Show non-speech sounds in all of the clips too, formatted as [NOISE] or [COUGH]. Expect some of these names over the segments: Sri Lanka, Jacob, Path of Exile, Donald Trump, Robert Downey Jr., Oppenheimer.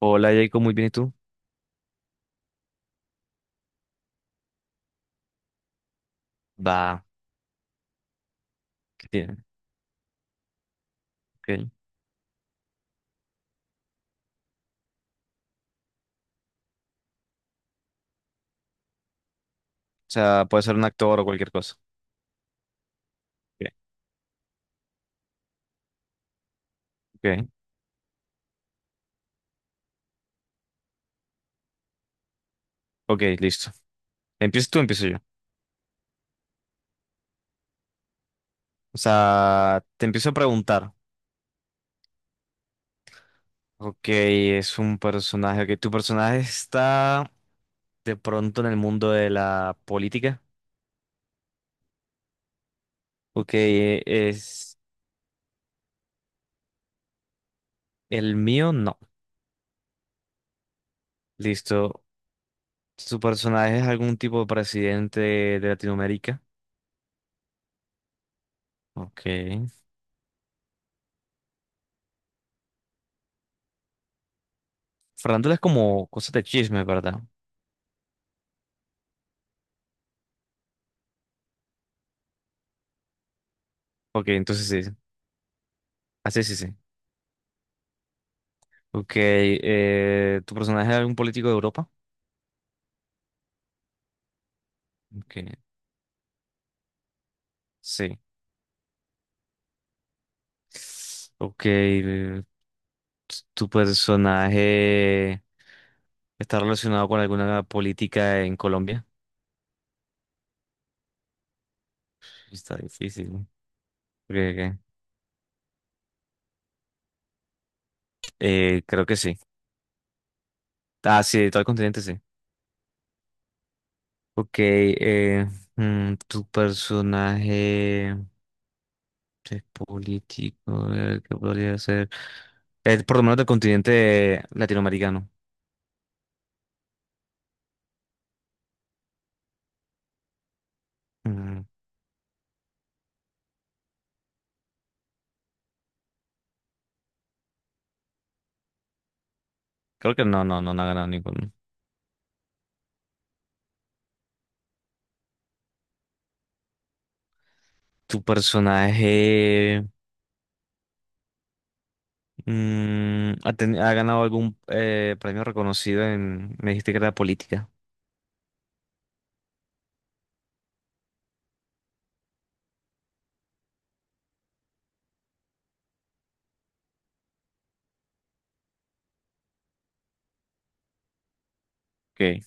Hola Jacob, muy bien, ¿y tú? Va, qué bien, ok. O sea, puede ser un actor o cualquier cosa. Ok, ok, ok, listo. ¿Empiezas tú o empiezo yo? O sea, te empiezo a preguntar. Ok, es un personaje. Ok, ¿tu personaje está de pronto en el mundo de la política? Ok, ¿es el mío? No. Listo. ¿Su personaje es algún tipo de presidente de Latinoamérica? Ok. Fernando es como cosas de chisme, ¿verdad? Ok, entonces sí. Así sí, sí. Ok, ¿tu personaje es algún político de Europa? Ok, sí. Ok, ¿tu personaje está relacionado con alguna política en Colombia? Está difícil, ¿no? Ok, ok. Creo que sí. Ah, sí, de todo el continente sí. Ok, ¿tu personaje es político? ¿Qué podría ser? Es por lo menos del continente latinoamericano. Mm, Creo que no, no, no, no ha ganado ninguno. ¿Tu personaje ha ganado algún premio reconocido en... Me dijiste que era política. Ok.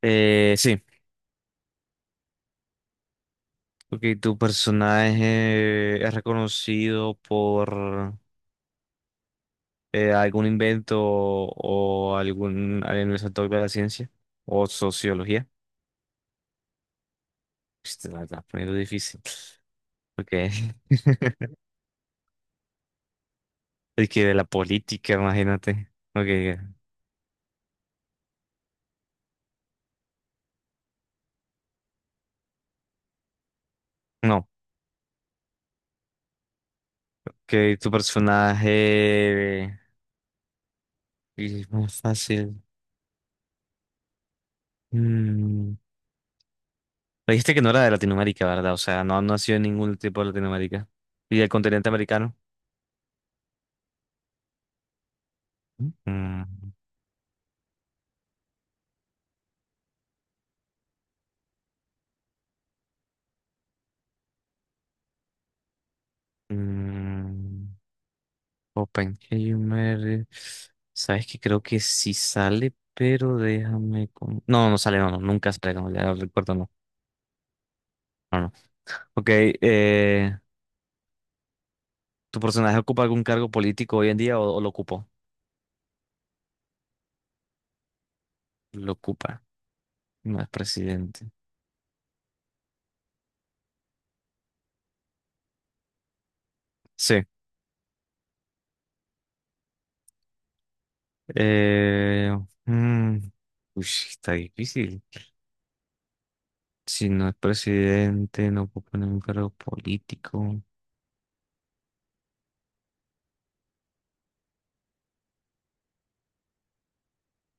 Sí. Ok, ¿tu personaje es reconocido por algún invento o algún sector de la ciencia? ¿O sociología? Este, la estás poniendo difícil. Ok. [LAUGHS] Es que de la política, imagínate. Ok. Ok. No. Que tu personaje es muy fácil. Mm, Me dijiste que no era de Latinoamérica, ¿verdad? O sea, no, no ha sido ningún tipo de Latinoamérica. ¿Y del continente americano? Mm, mm, Oppenheimer. Sabes que creo que sí sale, pero déjame, no, no sale, no, no, nunca sale, no, ya recuerdo, no. No, no. Ok, ¿tu personaje ocupa algún cargo político hoy en día o lo ocupó? Lo ocupa, no es presidente. Sí. Eh, mm, uy, está difícil. Si no es presidente, no puedo poner un cargo político.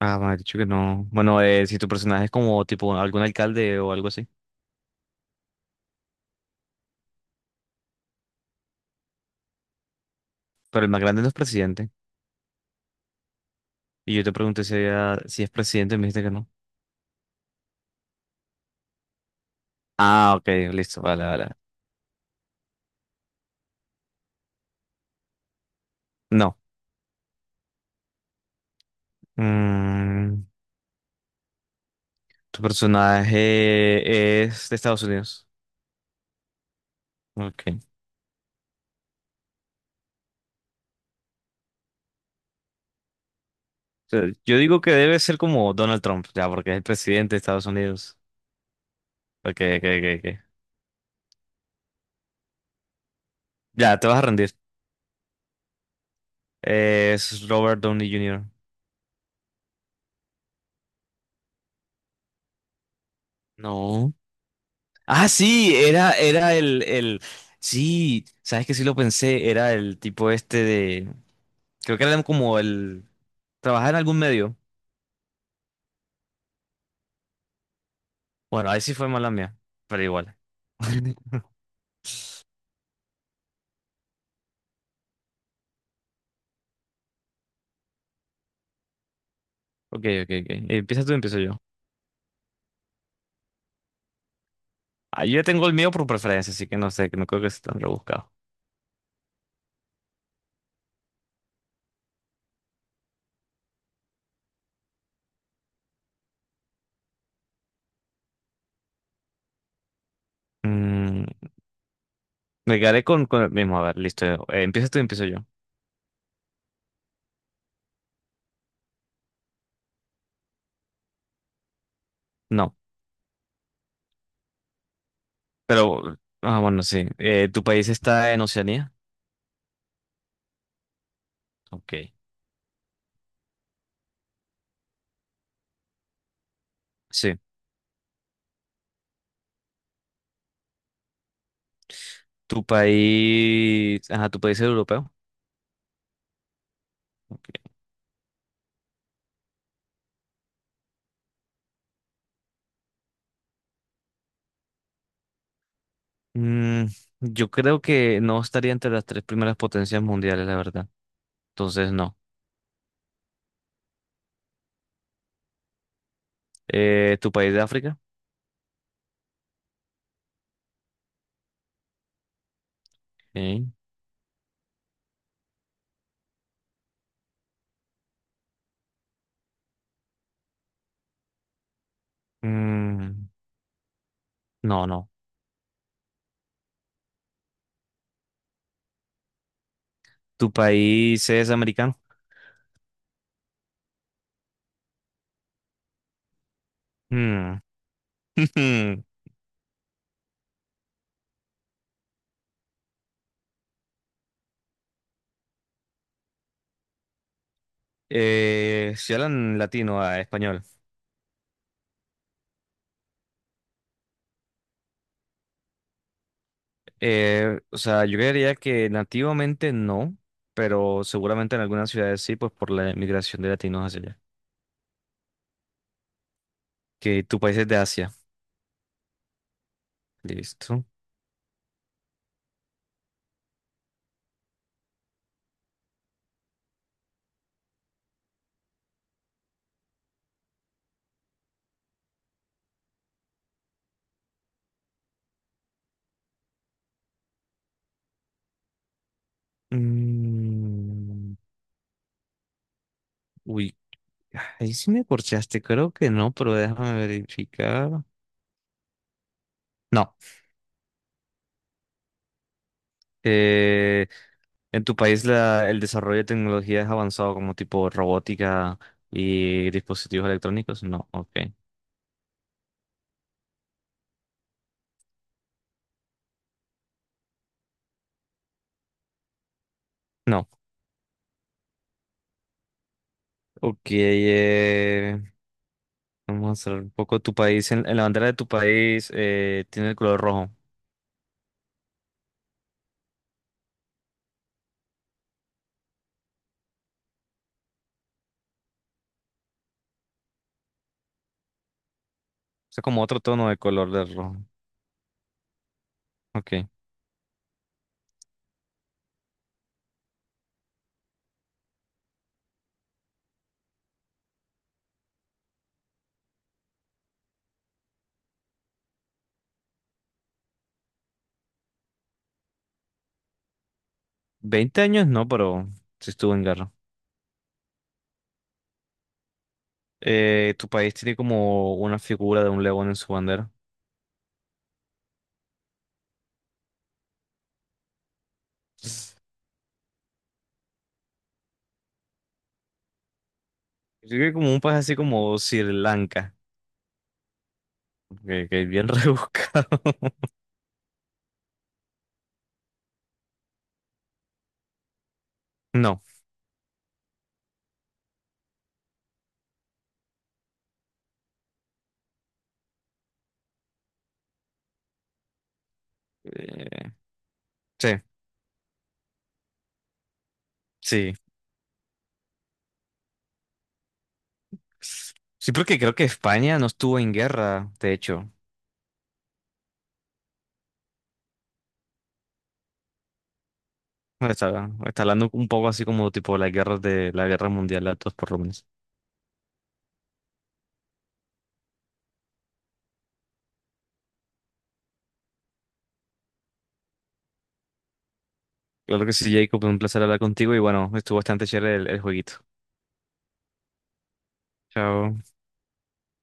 Ah, me ha dicho que no. Bueno, si tu personaje es como tipo algún alcalde o algo así. Pero el más grande no es presidente. Y yo te pregunté si es presidente y me dijiste que no. Ah, ok, listo, vale, vale. No. Mm, Tu personaje es de Estados Unidos. Ok. O sea, yo digo que debe ser como Donald Trump, ya, porque es el presidente de Estados Unidos. Ok, ok, ok. Ok. Ya, te vas a rendir. Es Robert Downey Jr. No. Ah, sí, era el. Sí, sabes que sí lo pensé. Era el tipo este de. Creo que era como el. Trabajar en algún medio. Bueno, ahí sí fue mala mía. Pero igual. [LAUGHS] Ok, ok, ok. Empieza tú, empiezo yo. Ah, yo ya tengo el mío por preferencia, así que no sé, que no creo que sea tan rebuscado. Mm, Me quedaré con, el mismo. A ver, listo. Empieza tú, empiezo yo. No, pero. Ah, bueno, sí. ¿Tu país está en Oceanía? Ok, sí. ¿Tu país, ajá, tu país es europeo? Ok. Mm, yo creo que no estaría entre las tres primeras potencias mundiales, la verdad. Entonces, no. ¿Tu país de África? Ok. Mm, no, no. ¿Tu país es americano? Mm. [LAUGHS] Si hablan latino a español. O sea, yo creería que nativamente no, pero seguramente en algunas ciudades sí, pues por la migración de latinos hacia allá. Que tu país es de Asia. Listo. Mm, Uy, ahí sí me corchaste, creo que no, pero déjame verificar. No, eh, en tu país el desarrollo de tecnología es avanzado como tipo robótica y dispositivos electrónicos. No, ok. No, ok. Vamos a hacer un poco tu país, en la bandera de tu país tiene el color rojo. O sea, como otro tono de color del rojo. Ok. 20 años, no, pero sí estuvo en guerra. Tu país tiene como una figura de un león en su bandera. Yo creo que como un país así como Sri Lanka, que es bien [LAUGHS] rebuscado. No. eh, sí, sí. Sí, porque creo que España no estuvo en guerra, de hecho. Está hablando un poco así como tipo las guerras de la guerra mundial, las dos por lo menos. Claro que sí, Jacob, un placer hablar contigo y bueno, estuvo bastante chévere el jueguito. Chao.